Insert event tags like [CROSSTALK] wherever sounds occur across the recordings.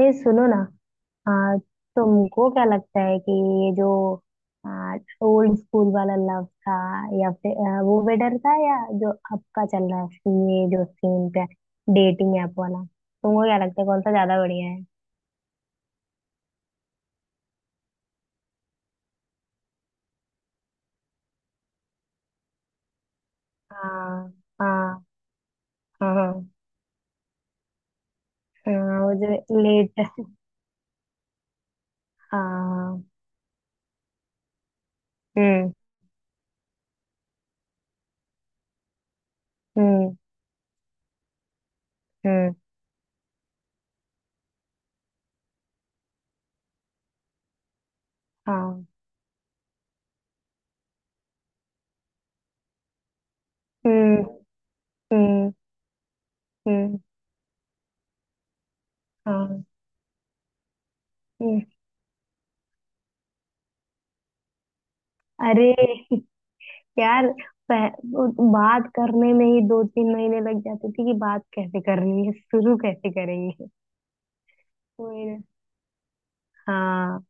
ये सुनो ना। आ, तुमको क्या लगता है कि ये जो ओल्ड स्कूल वाला लव था, या फिर वो बेटर था, या जो अब का चल रहा है ये जो सीन पे डेटिंग ऐप वाला, तुमको क्या लगता है कौन सा ज्यादा बढ़िया है? हाँ। हाँ। हाँ। हाँ। हाँ, वो जो लेट। हाँ। हम्म। हम्म। हम्म। हाँ। हम्म। हम्म। हम्म। हाँ। हम्म। अरे [LAUGHS] यार, पह, वो बात करने में ही दो तीन महीने लग जाते थे कि बात कैसे करनी है, शुरू कैसे करेंगे। कोई नहीं। हाँ।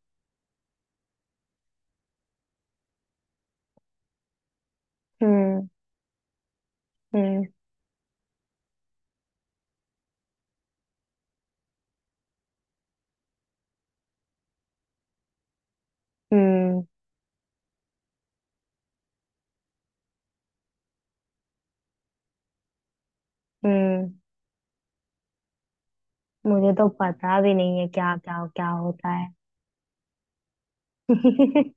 हम्म। हम्म। हम्म। हम्म। मुझे तो पता भी नहीं है क्या क्या क्या होता है। [LAUGHS]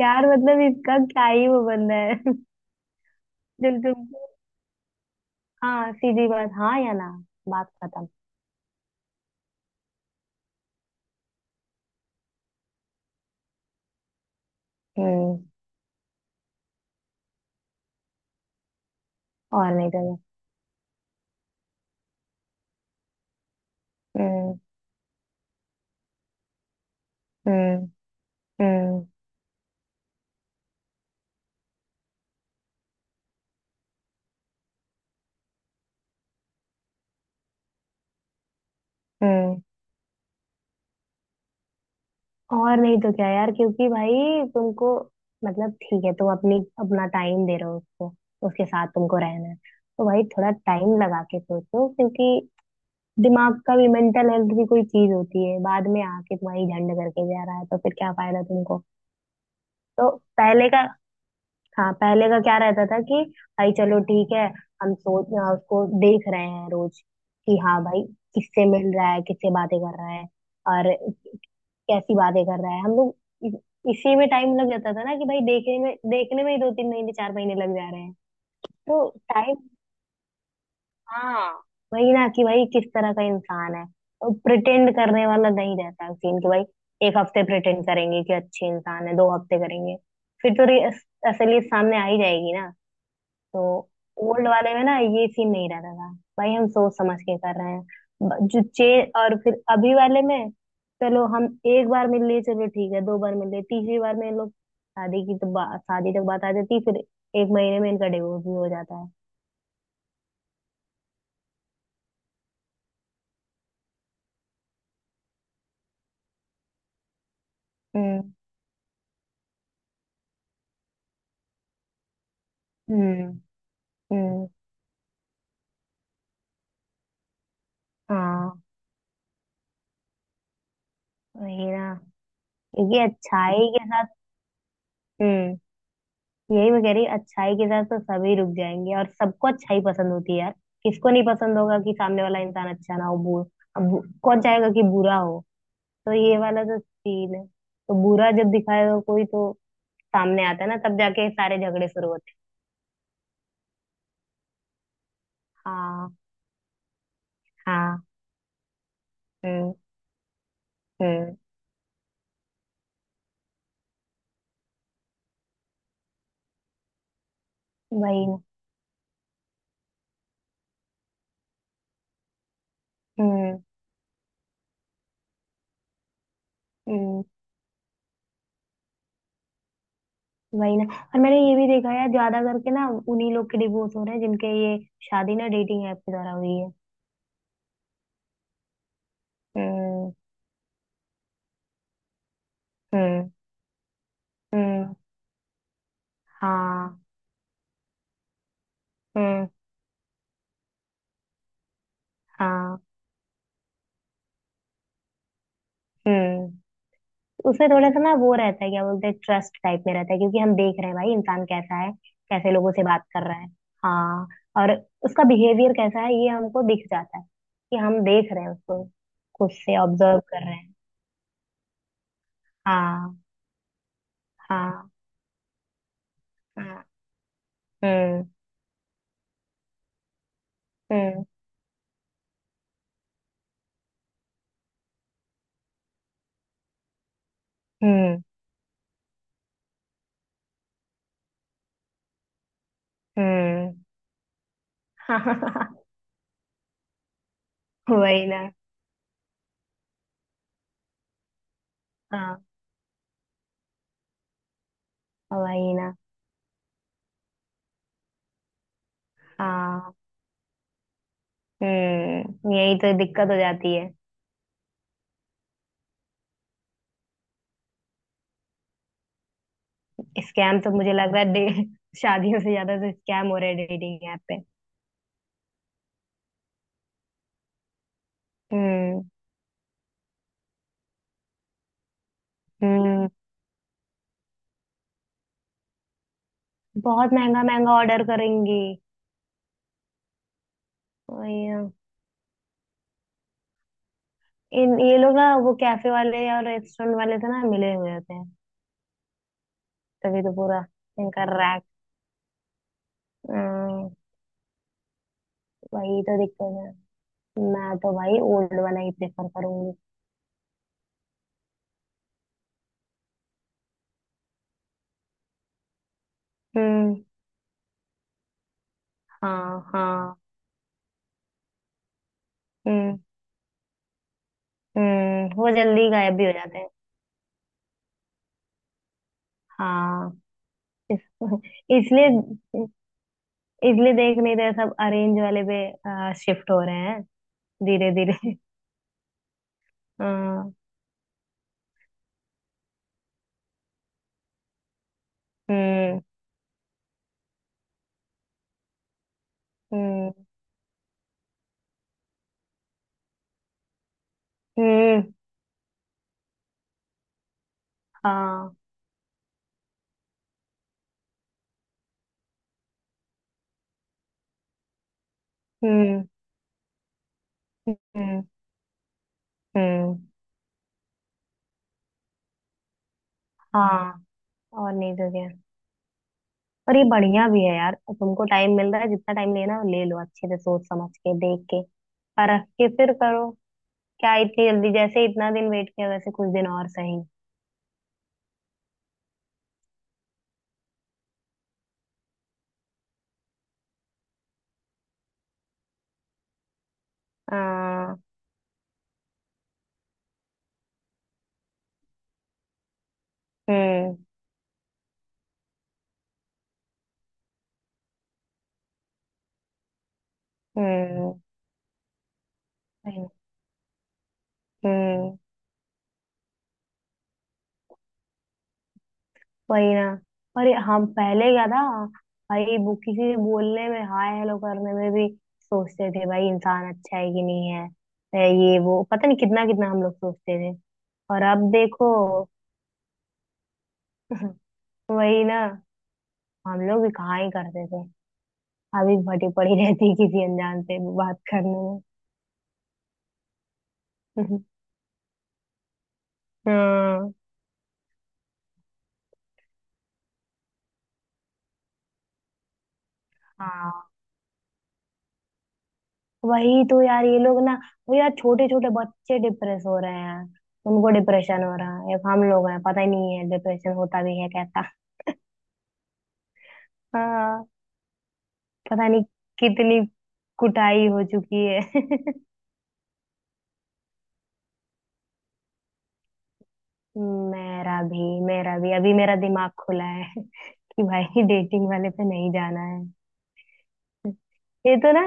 यार, मतलब इसका क्या ही वो, बंदा है। [LAUGHS] दिल तुमको। हाँ, सीधी बात, हाँ या ना, बात खत्म। हम्म। और नहीं तो क्या। हम्म। हम्म। हम्म। हम्म। और नहीं तो क्या यार, क्योंकि भाई तुमको, मतलब ठीक है, तुम अपनी अपना टाइम दे रहे हो उसको। उसके साथ तुमको रहना है तो भाई थोड़ा टाइम लगा के सोचो, क्योंकि दिमाग का भी, मेंटल हेल्थ भी कोई चीज होती है। बाद में आके तुम्हारी झंड करके जा रहा है तो फिर क्या फायदा तुमको। तो पहले का, हाँ पहले का क्या रहता था कि भाई चलो ठीक है, हम सोच, उसको देख रहे हैं रोज, कि हाँ भाई किससे मिल रहा है, किससे बातें कर रहा है, और कैसी बातें कर रहा है हम लोग। इस- इसी में टाइम लग जाता था ना कि भाई देखने में ही दो तीन महीने चार महीने लग जा रहे हैं। तो टाइम, हाँ वही ना कि भाई किस तरह का इंसान है, और प्रिटेंड करने वाला नहीं रहता सीन कि भाई एक हफ्ते प्रिटेंड करेंगे कि अच्छे इंसान है, दो हफ्ते करेंगे, फिर तो असलियत सामने आ ही जाएगी ना। तो ओल्ड वाले में ना ये सीन नहीं रहता था, भाई हम सोच समझ के कर रहे हैं। ब- जो चे और फिर अभी वाले में, चलो हम एक बार मिल लिए, चलो ठीक है, दो बार मिल लिए, तीसरी बार में इन लोग शादी की तो शादी तक बात आ जाती, फिर एक महीने में इनका डिवोर्स भी हो जाता है। हम्म। हम्म। हम्म। हाँ, वही ना, क्योंकि अच्छाई के साथ। हम्म। यही मैं कह रही, अच्छाई के साथ तो सभी रुक जाएंगे और सबको अच्छाई पसंद होती है यार। किसको नहीं पसंद होगा कि सामने वाला इंसान अच्छा ना हो। अब कौन चाहेगा कि बुरा हो। तो ये वाला तो सीन है, तो बुरा जब दिखाएगा कोई, तो सामने आता है ना, तब जाके सारे झगड़े शुरू होते हैं। हाँ। हाँ। हम्म। हम्म। वही ना। हम्म। हम्म। वही ना। और मैंने ये भी देखा है, ज्यादा करके ना उन्हीं लोग के डिवोर्स हो रहे हैं जिनके ये शादी ना डेटिंग ऐप के द्वारा हुई है। हम्म। हम्म। हम्म। हाँ। हम्म। हाँ। हम्म। उसमें थोड़ा सा ना वो रहता है, क्या बोलते हैं, ट्रस्ट टाइप में रहता है, क्योंकि हम देख रहे हैं भाई इंसान कैसा है, कैसे लोगों से बात कर रहा है। हाँ। और उसका बिहेवियर कैसा है ये हमको दिख जाता है, कि हम देख रहे हैं उसको, खुद से ऑब्जर्व कर रहे हैं। हाँ। हाँ। हाँ। हम्म। हम्म। हम्म। हम्म। [LAUGHS] वही ना। हाँ, वही ना। हाँ। हम्म। यही तो दिक्कत हो जाती है। स्कैम तो मुझे लग रहा है शादियों से ज्यादा तो स्कैम हो रहे हैं डेटिंग ऐप पे। हम्म। हम्म। बहुत महंगा महंगा ऑर्डर करेंगी। वही है। इन ये लोग ना वो कैफे वाले और रेस्टोरेंट वाले से ना मिले हुए होते हैं, तभी तो पूरा इनका रैक। वही तो दिक्कत है। मैं तो भाई ओल्ड वाला ही प्रेफर करूंगी। हम्म। हाँ। हाँ। हम्म। हम्म। वो जल्दी गायब भी हो जाते हैं। हाँ। [LAUGHS] इसलिए इसलिए देख नहीं रहे, सब अरेंज वाले पे शिफ्ट हो रहे हैं, धीरे धीरे। [LAUGHS] हाँ। हम्म। हम्म। हम्म। हाँ। हम्म। हम्म। हम्म। हाँ, और नहीं तो क्या। और ये बढ़िया भी है यार, तुमको टाइम मिल रहा है, जितना टाइम लेना हो ले लो, अच्छे से सोच समझ के, देख के, परख के फिर करो। क्या इतनी जल्दी, जैसे इतना दिन वेट किया वैसे कुछ दिन और सही। हाँ। हम्म। हम्म। हम्म। हम्म। वही ना। और ये हम पहले क्या था, भाई वो किसी से बोलने में, हाय हेलो करने में भी सोचते थे भाई इंसान अच्छा है कि नहीं है, है ये वो, पता नहीं कितना कितना हम लोग सोचते थे। और अब देखो। [LAUGHS] वही ना। हम लोग भी कहाँ ही करते थे। अभी भटी पड़ी रहती है किसी अनजान से बात करने में। [LAUGHS] हाँ। हाँ, वही तो यार, ये लोग ना, वो यार छोटे छोटे बच्चे डिप्रेस हो रहे हैं। उनको डिप्रेशन हो रहा है, एक हम लोग हैं पता ही नहीं है डिप्रेशन होता भी है कैसा। हाँ। पता नहीं कितनी कुटाई हो चुकी है। [LAUGHS] मेरा भी, मेरा भी, अभी मेरा दिमाग खुला है। [LAUGHS] कि भाई डेटिंग वाले पे नहीं जाना है, ये तो ना।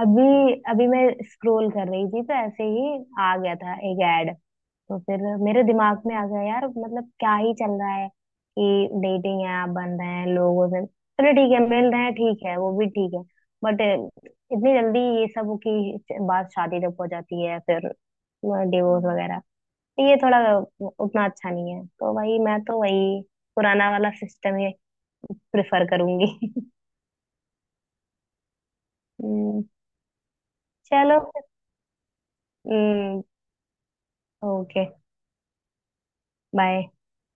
अभी अभी मैं स्क्रॉल कर रही थी तो ऐसे ही आ गया था एक ऐड, तो फिर मेरे दिमाग में आ गया, यार मतलब क्या ही चल रहा है, कि डेटिंग ऐप बन रहे हैं, लोगों से चलो ठीक है मिल रहे हैं, ठीक है, वो भी ठीक है, बट इतनी जल्दी ये सब की बात शादी तक हो जाती है, फिर डिवोर्स वगैरह, तो ये थोड़ा उतना अच्छा नहीं है, तो भाई मैं तो वही पुराना वाला सिस्टम ही प्रेफर करूंगी। [LAUGHS] हम्म। चलो, फिर ओके, बाय।